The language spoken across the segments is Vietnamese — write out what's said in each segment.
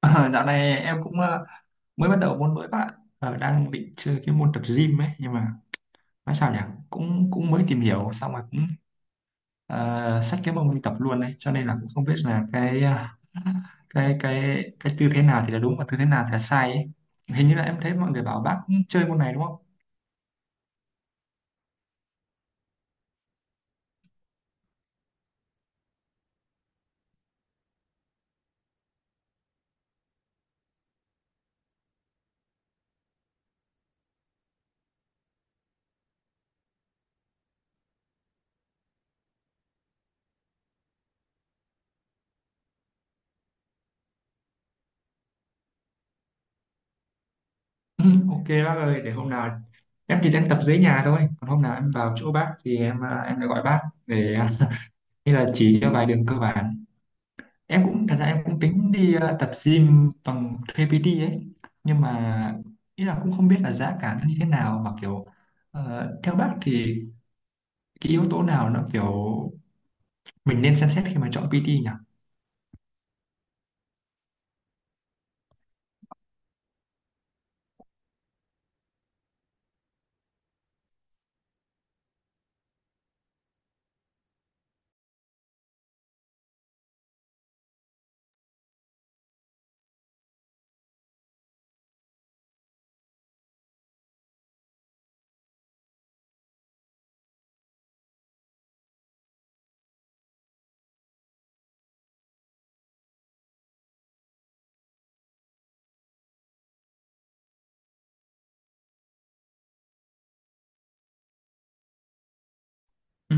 Ờ, Dạo này em cũng mới bắt đầu môn mới bạn. Đang định chơi cái môn tập gym ấy nhưng mà nói sao nhỉ, cũng cũng mới tìm hiểu xong rồi cũng xách cái mông đi tập luôn đấy, cho nên là cũng không biết là cái tư thế nào thì là đúng và tư thế nào thì là sai ấy. Hình như là em thấy mọi người bảo bác cũng chơi môn này đúng không? Ok bác ơi, để hôm nào em chỉ đang tập dưới nhà thôi, còn hôm nào em vào chỗ bác thì em sẽ gọi bác để như là chỉ cho vài đường cơ bản. Em cũng, thật ra em cũng tính đi tập gym bằng thuê PT ấy, nhưng mà ý là cũng không biết là giá cả nó như thế nào, mà kiểu theo bác thì cái yếu tố nào nó kiểu mình nên xem xét khi mà chọn PT nhỉ? Ừ.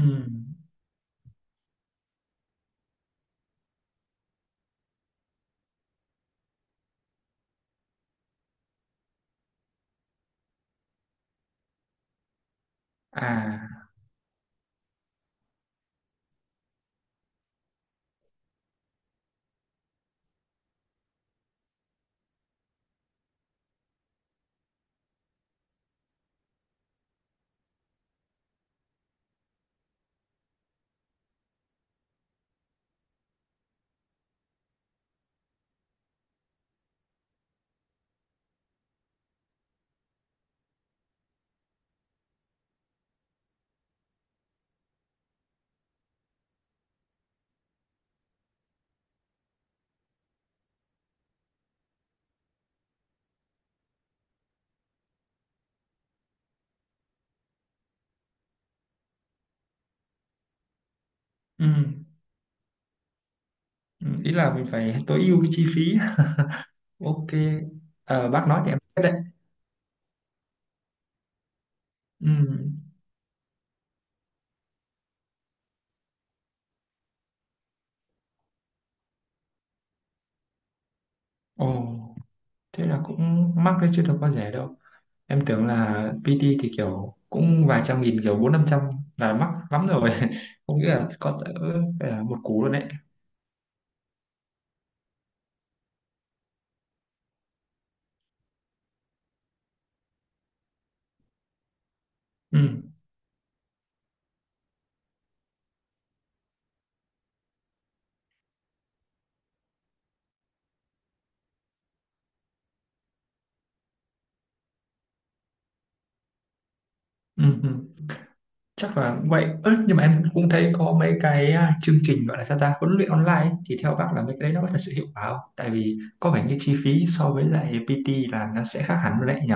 À, ừ. Ừ, ý là mình phải tối ưu cái chi phí. Ok. Ờ, bác nói thì em biết đấy. Ừ. Ồ, thế là cũng mắc đấy chứ đâu có rẻ đâu. Em tưởng là PT thì kiểu cũng vài trăm nghìn, kiểu bốn năm trăm là mắc lắm rồi, không nghĩ là có cỡ phải là một cú luôn đấy. Ừ, ừ, ừ, chắc là cũng vậy. Ơ, nhưng mà em cũng thấy có mấy cái chương trình gọi là sao ta huấn luyện online ấy, thì theo bác là mấy cái đấy nó có thật sự hiệu quả không? Tại vì có vẻ như chi phí so với lại PT là nó sẽ khác hẳn luôn đấy nhỉ.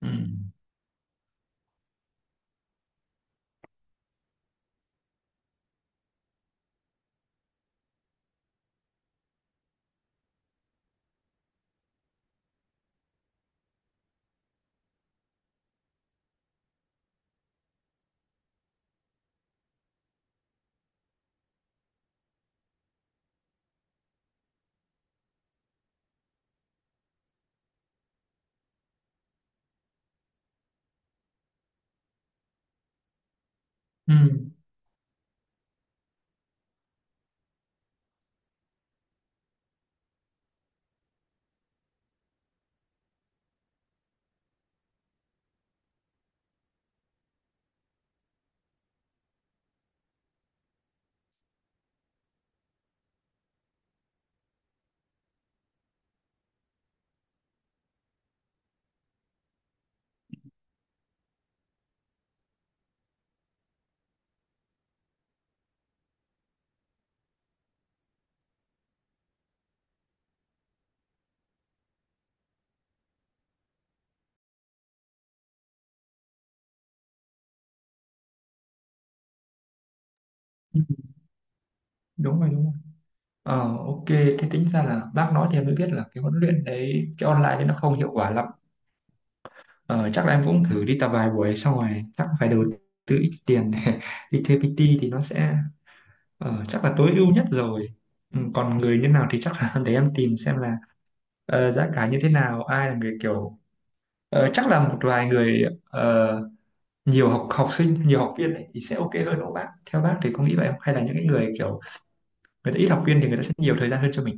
Ừ. Ừ. Ừ, đúng rồi, đúng rồi. Ờ ok, thế tính ra là bác nói thì em mới biết là cái huấn luyện đấy, cái online đấy nó không hiệu quả lắm. Ờ, chắc là em cũng thử đi tập vài buổi xong rồi chắc phải đầu tư ít tiền để đi thuê PT, thì nó sẽ chắc là tối ưu nhất rồi. Ừ, còn người như nào thì chắc là để em tìm xem là giá cả như thế nào, ai là người kiểu chắc là một vài người, ờ, nhiều học học sinh, nhiều học viên ấy, thì sẽ ok hơn đúng không bác? Theo bác thì có nghĩ vậy không, hay là những cái người kiểu người ta ít học viên thì người ta sẽ nhiều thời gian hơn cho mình?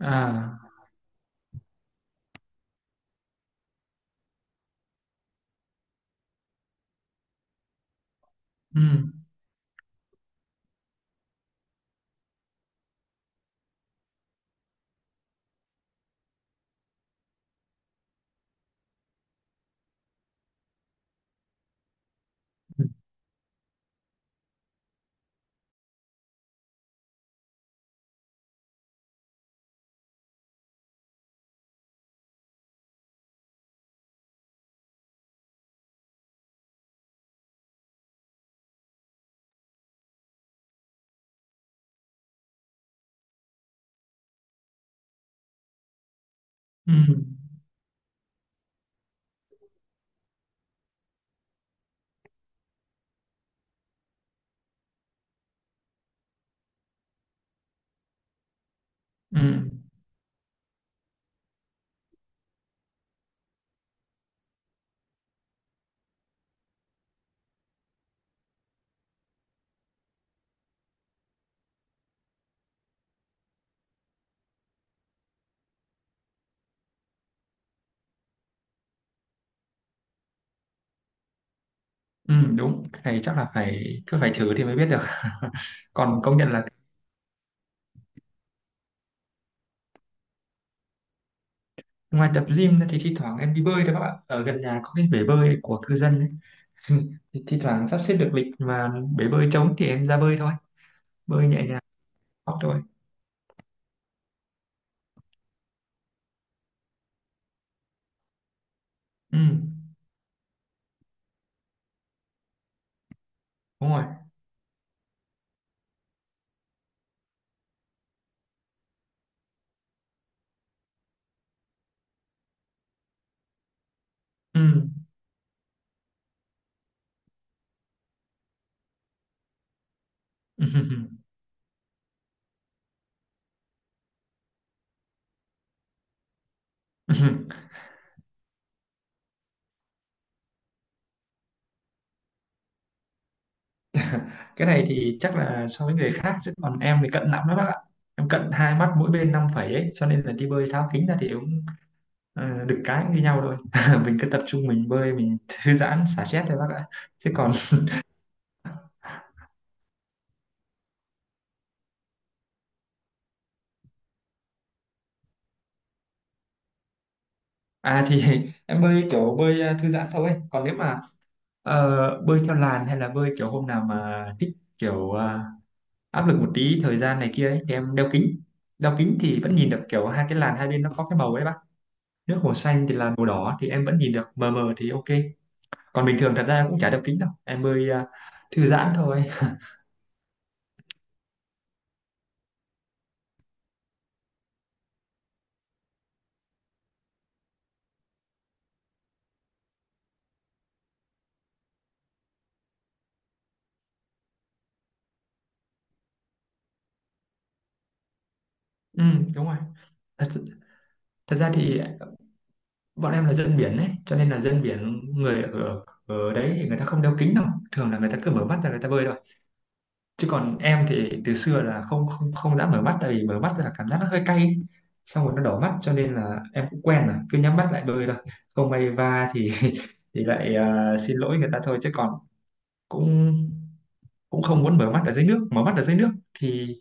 À, ừ, ừ, ừ. Ừ, ừ, đúng, cái này chắc là phải cứ phải thử thì mới biết được. Còn công nhận là ngoài tập gym ra thì thi thoảng em đi bơi đấy bác ạ, ở gần nhà có cái bể bơi của cư dân ấy. Thì thi thoảng sắp xếp được lịch mà bể bơi trống thì em ra bơi thôi. Bơi nhẹ nhàng học thôi. Ừ, đúng rồi. Ừ. Cái này thì chắc là so với người khác, chứ còn em thì cận lắm đó bác ạ. Em cận hai mắt mỗi bên năm phẩy ấy, cho nên là đi bơi tháo kính ra thì cũng được cái cũng như nhau thôi. Mình cứ tập trung mình bơi mình thư giãn xả stress thôi bác ạ. Chứ còn à thì em bơi kiểu bơi thư giãn thôi. Còn nếu mà bơi theo làn hay là bơi kiểu hôm nào mà thích kiểu áp lực một tí, thời gian này kia ấy, thì em đeo kính. Đeo kính thì vẫn nhìn được kiểu hai cái làn hai bên nó có cái màu ấy bác. Nước hồ xanh thì là màu đỏ thì em vẫn nhìn được mờ mờ thì ok. Còn bình thường thật ra em cũng chả đeo kính đâu. Em bơi thư giãn thôi. Ừ, đúng rồi. Thật, thật ra thì bọn em là dân biển ấy, cho nên là dân biển người ở ở đấy thì người ta không đeo kính đâu. Thường là người ta cứ mở mắt ra người ta bơi thôi, chứ còn em thì từ xưa là không không không dám mở mắt, tại vì mở mắt là cảm giác nó hơi cay ấy. Xong rồi nó đỏ mắt, cho nên là em cũng quen rồi cứ nhắm mắt lại bơi thôi. Không may va thì thì lại xin lỗi người ta thôi, chứ còn cũng cũng không muốn mở mắt ở dưới nước. Mở mắt ở dưới nước thì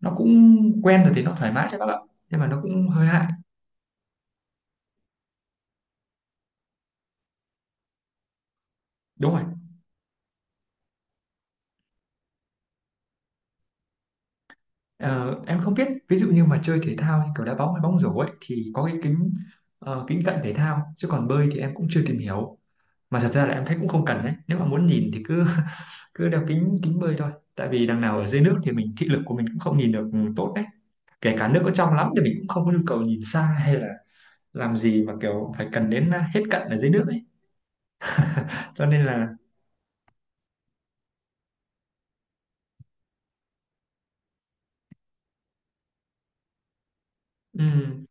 nó cũng quen rồi thì nó thoải mái cho bác ạ, nhưng mà nó cũng hơi hại. Đúng rồi. Ờ, em không biết, ví dụ như mà chơi thể thao như kiểu đá bóng hay bóng rổ ấy thì có cái kính kính cận thể thao, chứ còn bơi thì em cũng chưa tìm hiểu. Mà thật ra là em thấy cũng không cần đấy, nếu mà muốn nhìn thì cứ cứ đeo kính kính bơi thôi, tại vì đằng nào ở dưới nước thì mình thị lực của mình cũng không nhìn được tốt đấy. Kể cả nước có trong lắm thì mình cũng không có nhu cầu nhìn xa, hay là làm gì mà kiểu phải cần đến hết cận ở dưới nước ấy. Cho nên là ừ,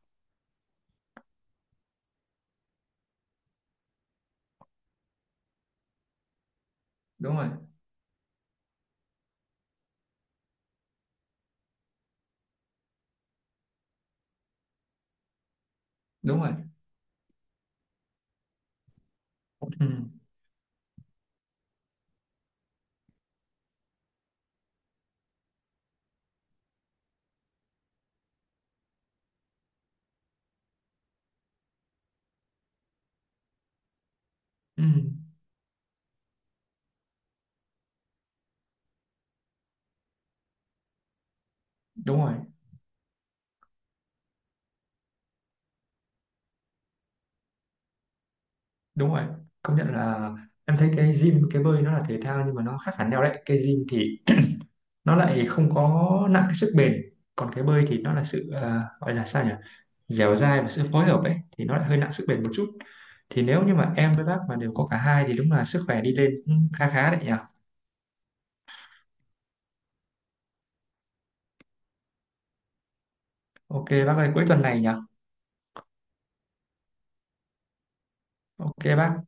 đúng rồi, đúng rồi. Ừ, ừ, đúng rồi, đúng rồi, công nhận là em thấy cái gym cái bơi nó là thể thao nhưng mà nó khác hẳn nhau đấy. Cái gym thì nó lại không có nặng cái sức bền, còn cái bơi thì nó là sự gọi là sao nhỉ, dẻo dai và sự phối hợp ấy, thì nó lại hơi nặng sức bền một chút. Thì nếu như mà em với bác mà đều có cả hai thì đúng là sức khỏe đi lên cũng khá khá đấy nhỉ. Ok bác ơi, cuối tuần này nhỉ. Ok bác.